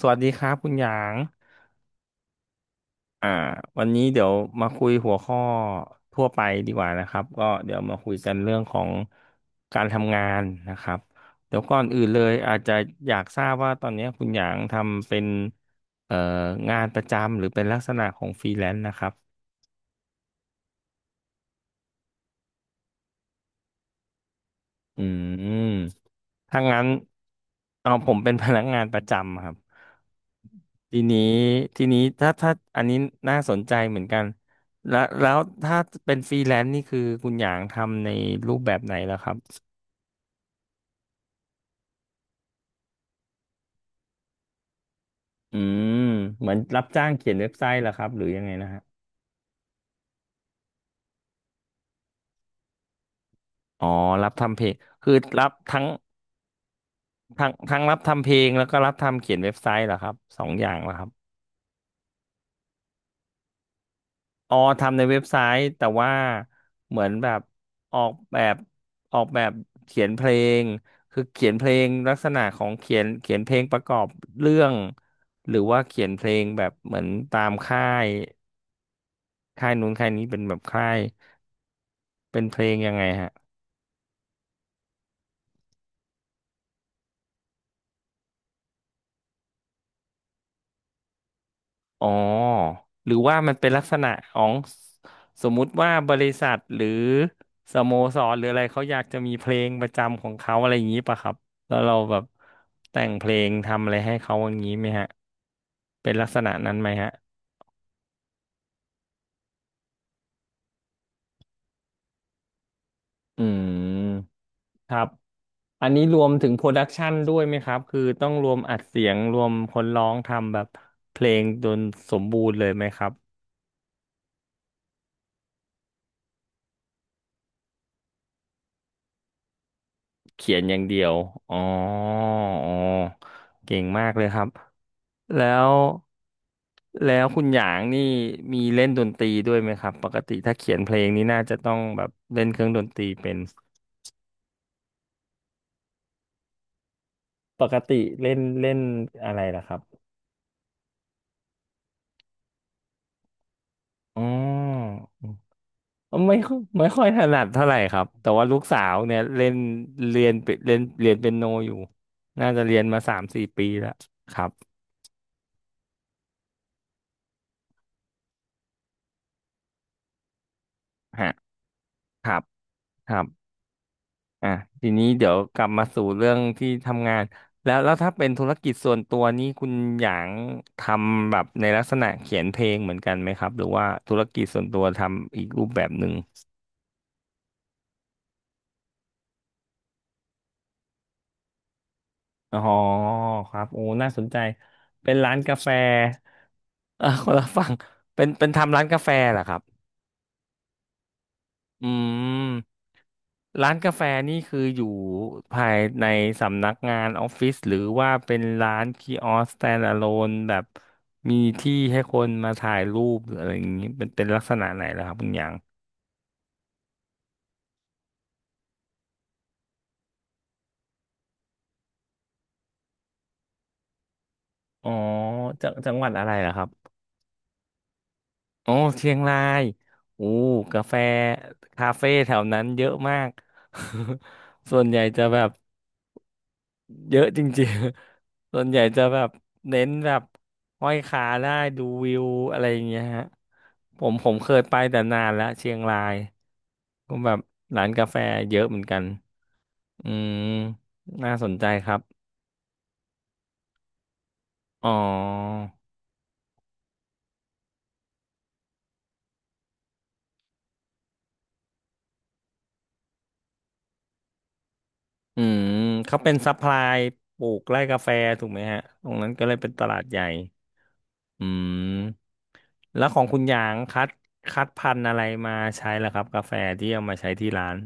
สวัสดีครับคุณหยางอ่าวันนี้เดี๋ยวมาคุยหัวข้อทั่วไปดีกว่านะครับ ก็เดี๋ยวมาคุยกันเรื่องของการทำงานนะครับเดี๋ยวก่อนอื่นเลยอาจจะอยากทราบว่าตอนนี้คุณหยางทำเป็นเอ่องานประจำหรือเป็นลักษณะของฟรีแลนซ์นะครับ อืมถ้างั้นเอาผมเป็นพนักงานประจำครับทีนี้ทีนี้ถ้าอันนี้น่าสนใจเหมือนกันแล้วถ้าเป็นฟรีแลนซ์นี่คือคุณหยางทำในรูปแบบไหนล่ะครับอืมเหมือนรับจ้างเขียนเว็บไซต์เหรอครับหรือยังไงนะฮะอ๋อรับทำเพลงคือรับทั้งทั้งรับทำเพลงแล้วก็รับทำเขียนเว็บไซต์เหรอครับสองอย่างเหรอครับ อ๋อทำในเว็บไซต์แต่ว่าเหมือนแบบออกแบบออกแบบเขียนเพลงคือเขียนเพลงลักษณะของเขียนเพลงประกอบเรื่องหรือว่าเขียนเพลงแบบเหมือนตามค่ายค่ายนู้นค่ายนี้เป็นแบบค่ายเป็นเพลงยังไงฮะ อ๋อหรือว่ามันเป็นลักษณะของสมมุติว่าบริษัทหรือสโมสรหรืออะไรเขาอยากจะมีเพลงประจำของเขาอะไรอย่างนี้ป่ะครับแล้วเราแบบแต่งเพลงทำอะไรให้เขาอย่างนี้ไหมฮะเป็นลักษณะนั้นไหมฮะอืมครับอันนี้รวมถึงโปรดักชันด้วยไหมครับคือต้องรวมอัดเสียงรวมคนร้องทำแบบเพลงจนสมบูรณ์เลยไหมครับเขียนอย่างเดียวอ๋ออ๋อเก่งมากเลยครับ แล้วแล้วคุณหยางนี่มีเล่นดนตรีด้วยไหมครับปกติถ้าเขียนเพลงนี่น่าจะต้องแบบเล่นเครื่องดนตรีเป็นปกติเล่นเล่นอะไรล่ะครับอ๋อไม่ค่อยถนัดเท่าไหร่ครับแต่ว่าลูกสาวเนี่ยเล่นเรียนเปียโนอยู่น่าจะเรียนมาสามสี่ปีแล้วครับฮะครับครับ อ่ะทีนี้เดี๋ยวกลับมาสู่เรื่องที่ทำงานแล้วถ้าเป็นธุรกิจส่วนตัวนี้คุณหยางทำแบบในลักษณะเขียนเพลงเหมือนกันไหมครับหรือว่าธุรกิจส่วนตัวทำอีกรูปแบบหนึ่งอ๋อครับโอ้น่าสนใจเป็นร้านกาแฟ เออคนละฝั่งเป็นทำร้านกาแฟเหรอครับ อืมร้านกาแฟนี่คืออยู่ภายในสำนักงานออฟฟิศหรือว่าเป็นร้านคีออส standalone แบบมีที่ให้คนมาถ่ายรูปหรืออะไรอย่างนี้เป็นลักษณะไหนล่ะครับคุณหยางอ๋อจังหวัดอะไรล่ะครับอ๋อเชียงรายโอ้กาแฟคาเฟ่แถวนั้นเยอะมาก ส่วนใหญ่จะแบบ เยอะจริงๆ ส่วนใหญ่จะแบบเน้นแบบห้อยขาได้ดูวิวอะไรอย่างเงี้ยฮะผมเคยไปแต่นานแล้วเชียงรายก็แบบร้านกาแฟเยอะเหมือนกันอืมน่าสนใจครับอ๋ออืมเขาเป็นซัพพลายปลูกไร่กาแฟถูกไหมฮะตรงนั้นก็เลยเป็นตลาดใหญ่อืมแล้วของคุณหยางคัดพันธุ์อะไรมาใช้ล่ะครับกาแฟที่เอามาใช้ที่ร้าน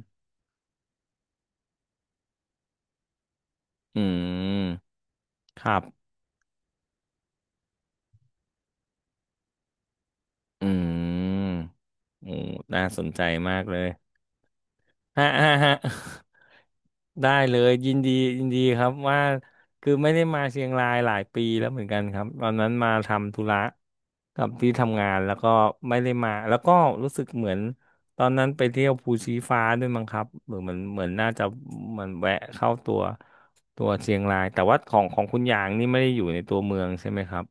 อืมครับ อืมโอ้น่าสนใจมากเลยฮะฮะฮะ ได้เลยยินดียินดีครับว่าคือไม่ได้มาเชียงรายหลายปีแล้วเหมือนกันครับตอนนั้นมาทำธุระกับที่ทำงานแล้วก็ไม่ได้มาแล้วก็รู้สึกเหมือนตอนนั้นไปเที่ยวภูชีฟ้าด้วยมั้งครับหรือเหมือนน่าจะมันแวะเข้าตัวตัวเชียงรายแต่ว่าของคุณหยางนี่ไม่ได้อยู่ในตัวเมืองใช่ไหมครับ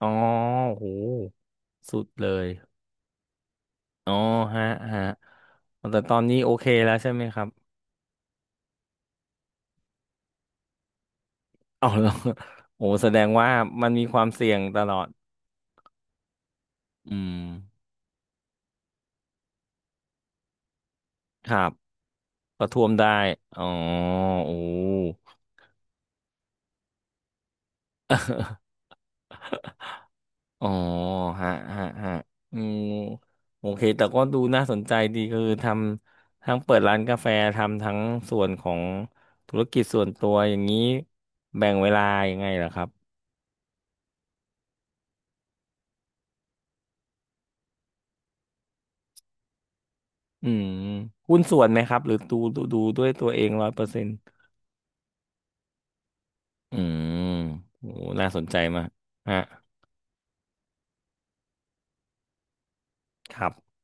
อ๋อโหสุดเลย อ๋อฮะฮะแต่ตอนนี้โอเคแล้วใช่ไหมครับเอาแล้ว โอ้แสดงว่ามันมีความเสี่ยงตลอดอืมครับประท้วมได้อ๋อโอ้อ๋อฮะฮะฮะอืมโอเคแต่ก็ดูน่าสนใจดีคือทำทั้งเปิดร้านกาแฟทำทั้งส่วนของธุรกิจส่วนตัวอย่างนี้แบ่งเวลายังไงล่ะครับอืมหุ้นส่วนไหมครับหรือดูด้วยตัวเองร้อยเปอร์เซ็นต์ อืมโอ้น่าสนใจมากฮะครับ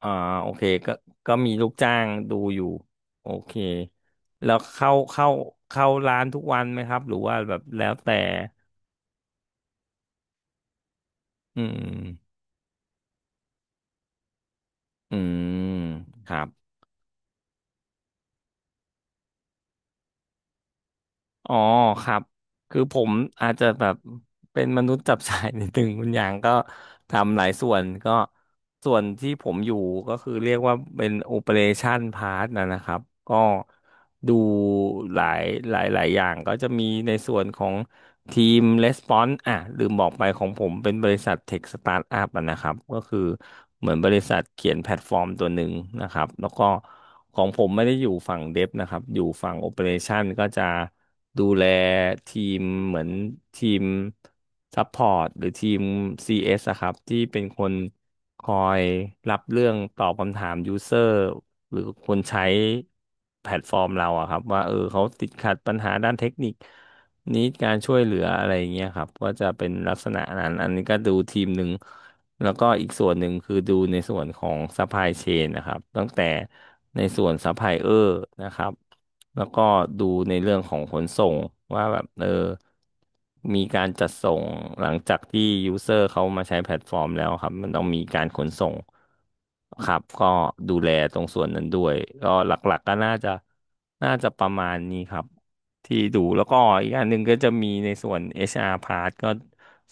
อ่าโอเคก็ก็มีลูกจ้างดูอยู่โอเคแล้วเข้าร้านทุกวันไหมครับ หรือว่าแบบแล้วแต่อืมอืมครับ อ๋อครับ คือผมอาจจะแบบเป็นมนุษย์จับสายนิดนึง คุณอย่างก็ทำหลายส่วนก็ส่วนที่ผมอยู่ก็คือเรียกว่าเป็นโอเปอเรชันพาร์ทนะครับ ก็ดูหลายหลายอย่างก็จะมีในส่วนของ ทีม Response อ่ะลืมบอกไปของผมเป็นบริษัทเทคสตาร์ทอัพนะครับก็คือเหมือนบริษัทเขียนแพลตฟอร์มตัวหนึ่งนะครับแล้วก็ของผมไม่ได้อยู่ฝั่งเด v นะครับอยู่ฝั่งโอ e ป a t i o n ก็จะดูแลทีมเหมือนทีมซัพพอร์ตหรือทีม CS อสอะครับที่เป็นคนคอยรับเรื่องตอบคำถามยูเซอร์หรือคนใช้แพลตฟอร์มเราอะครับว่าเออเขาติดขัดปัญหาด้านเทคนิค นิดการช่วยเหลืออะไรอย่างเงี้ยครับก็จะเป็นลักษณะนั้นอันนี้ก็ดูทีมหนึ่งแล้วก็อีกส่วนหนึ่งคือดูในส่วนของ u p p l y chain นะครับตั้งแต่ในส่วนซัพพลายเออร์นะครับแล้วก็ดูในเรื่องของขนส่งว่าแบบมีการจัดส่งหลังจากที่ยูเซอร์เขามาใช้แพลตฟอร์มแล้วครับมันต้องมีการขนส่งครับก็ดูแลตรงส่วนนั้นด้วยก็หลักๆก็น่าจะประมาณนี้ครับ ที่ดูแล้วก็อีกอันหนึ่งก็จะมีในส่วน HR part ก็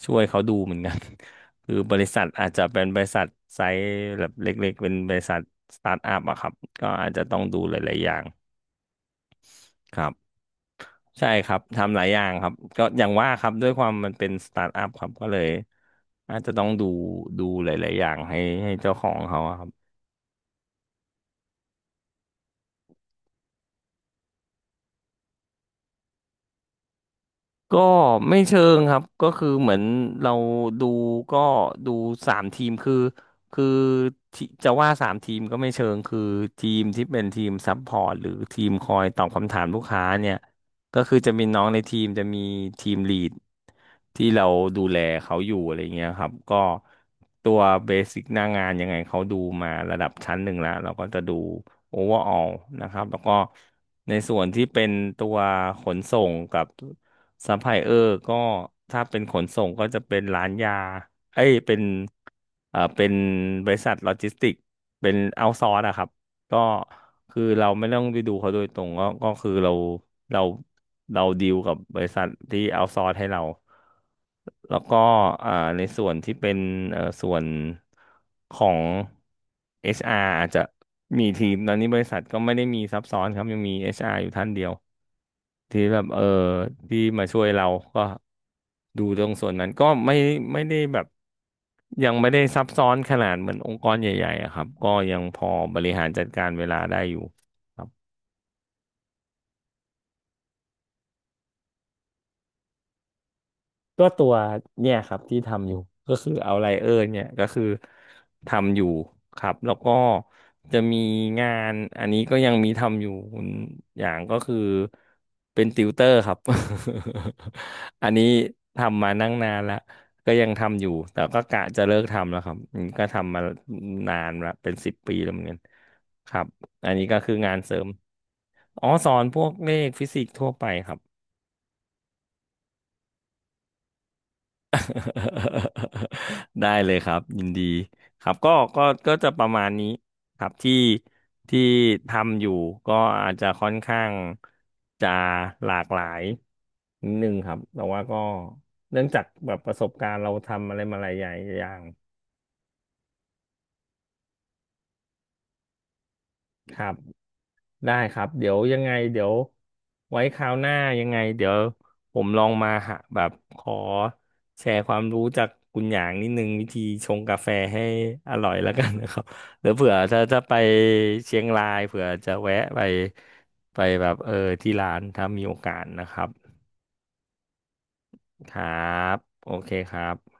ช่วยเขาดูเหมือนกัน คือบริษัทอาจจะเป็นบริษัทไซส์แบบเล็กๆเป็นบริษัทสตาร์ทอัพอะครับก็อาจจะต้องดูหลายๆอย่างครับใช่ครับทำหลายอย่างครับก็อย่างว่าครับด้วยความมันเป็นสตาร์ทอัพครับก็เลยอาจจะต้องดูหลายๆอย่างให้เจ้าของเขาอะครับ ก็ไม่เชิงครับก็คือเหมือนเราดูก็ดูสามทีมคือที่จะว่าสามทีมก็ไม่เชิงคือทีมที่เป็นทีมซัพพอร์ตหรือทีมคอยตอบคำถามลูกค้าเนี่ยก็คือจะมีน้องในทีมจะมีทีมลีดที่เราดูแลเขาอยู่อะไรเงี้ยครับก็ตัวเบสิกหน้างานยังไงเขาดูมาระดับชั้นหนึ่งแล้วเราก็จะดูโอเวอร์ออลนะครับแล้วก็ในส่วนที่เป็นตัวขนส่งกับ ซัพพลายเออร์ก็ถ้าเป็นขนส่งก็จะเป็นร้านยา เอ้ยเป็นเป็นบริษัทโลจิสติกเป็นเอาซอร์สอะครับ ก็คือเราไม่ต้องไปดูเขาโดยตรงก็ก็คือเราเราดีลกับบริษัทที่เอาซอร์สให้เรา แล้วก็อ่าในส่วนที่เป็นส่วนของ HR อชอาร์อาจจะมีทีมตอนนี้บริษัทก็ไม่ได้มีซับซ้อนครับยังมี HR อชอาร์อยู่ท่านเดียว ที่แบบที่มาช่วยเราก็ดูตรงส่วนนั้นก็ไม่ได้แบบยังไม่ได้ซับซ้อนขนาดเหมือนองค์กรใหญ่ๆอะครับก็ยังพอบริหารจัดการเวลาได้อยู่ครับ ก็ตัวเนี่ยครับที่ทำอยู่ก็คือเอาไลเออร์เนี่ยก็คือทำอยู่ครับแล้วก็จะมีงานอันนี้ก็ยังมีทำอยู่อย่างก็คือเป็นติวเตอร์ครับ อันนี้ทำมานั่งนานแล้วก็ยังทำอยู่แต่ก็กะจะเลิกทำแล้วครับอืมก็ทำมานานละเป็น10 ปีแล้วเหมือนกันครับอันนี้ก็คืองานเสริมอ๋อสอนพวกเลขฟิสิกส์ทั่วไปครับ ได้เลยครับยินดีครับก็จะประมาณนี้ครับที่ทำอยู่ก็อาจจะค่อนข้างจะหลากหลายนิดนึงครับแต่ว่าก็เนื่องจากแบบประสบการณ์เราทำอะไรมาหลายอย่างครับ ได้ครับเดี๋ยวยังไงเดี๋ยวไว้คราวหน้ายังไงเดี๋ยวผมลองมาหาแบบขอแชร์ความรู้จากคุณหยางนิดนึงวิธีชงกาแฟให้อร่อยแล้วกันนะครับ หรือเผื่อถ้าจะไปเชียงรายเผื่อจะแวะไปไปแบบที่ร้านถ้ามีโอกาสนะครับครับโอเคครับ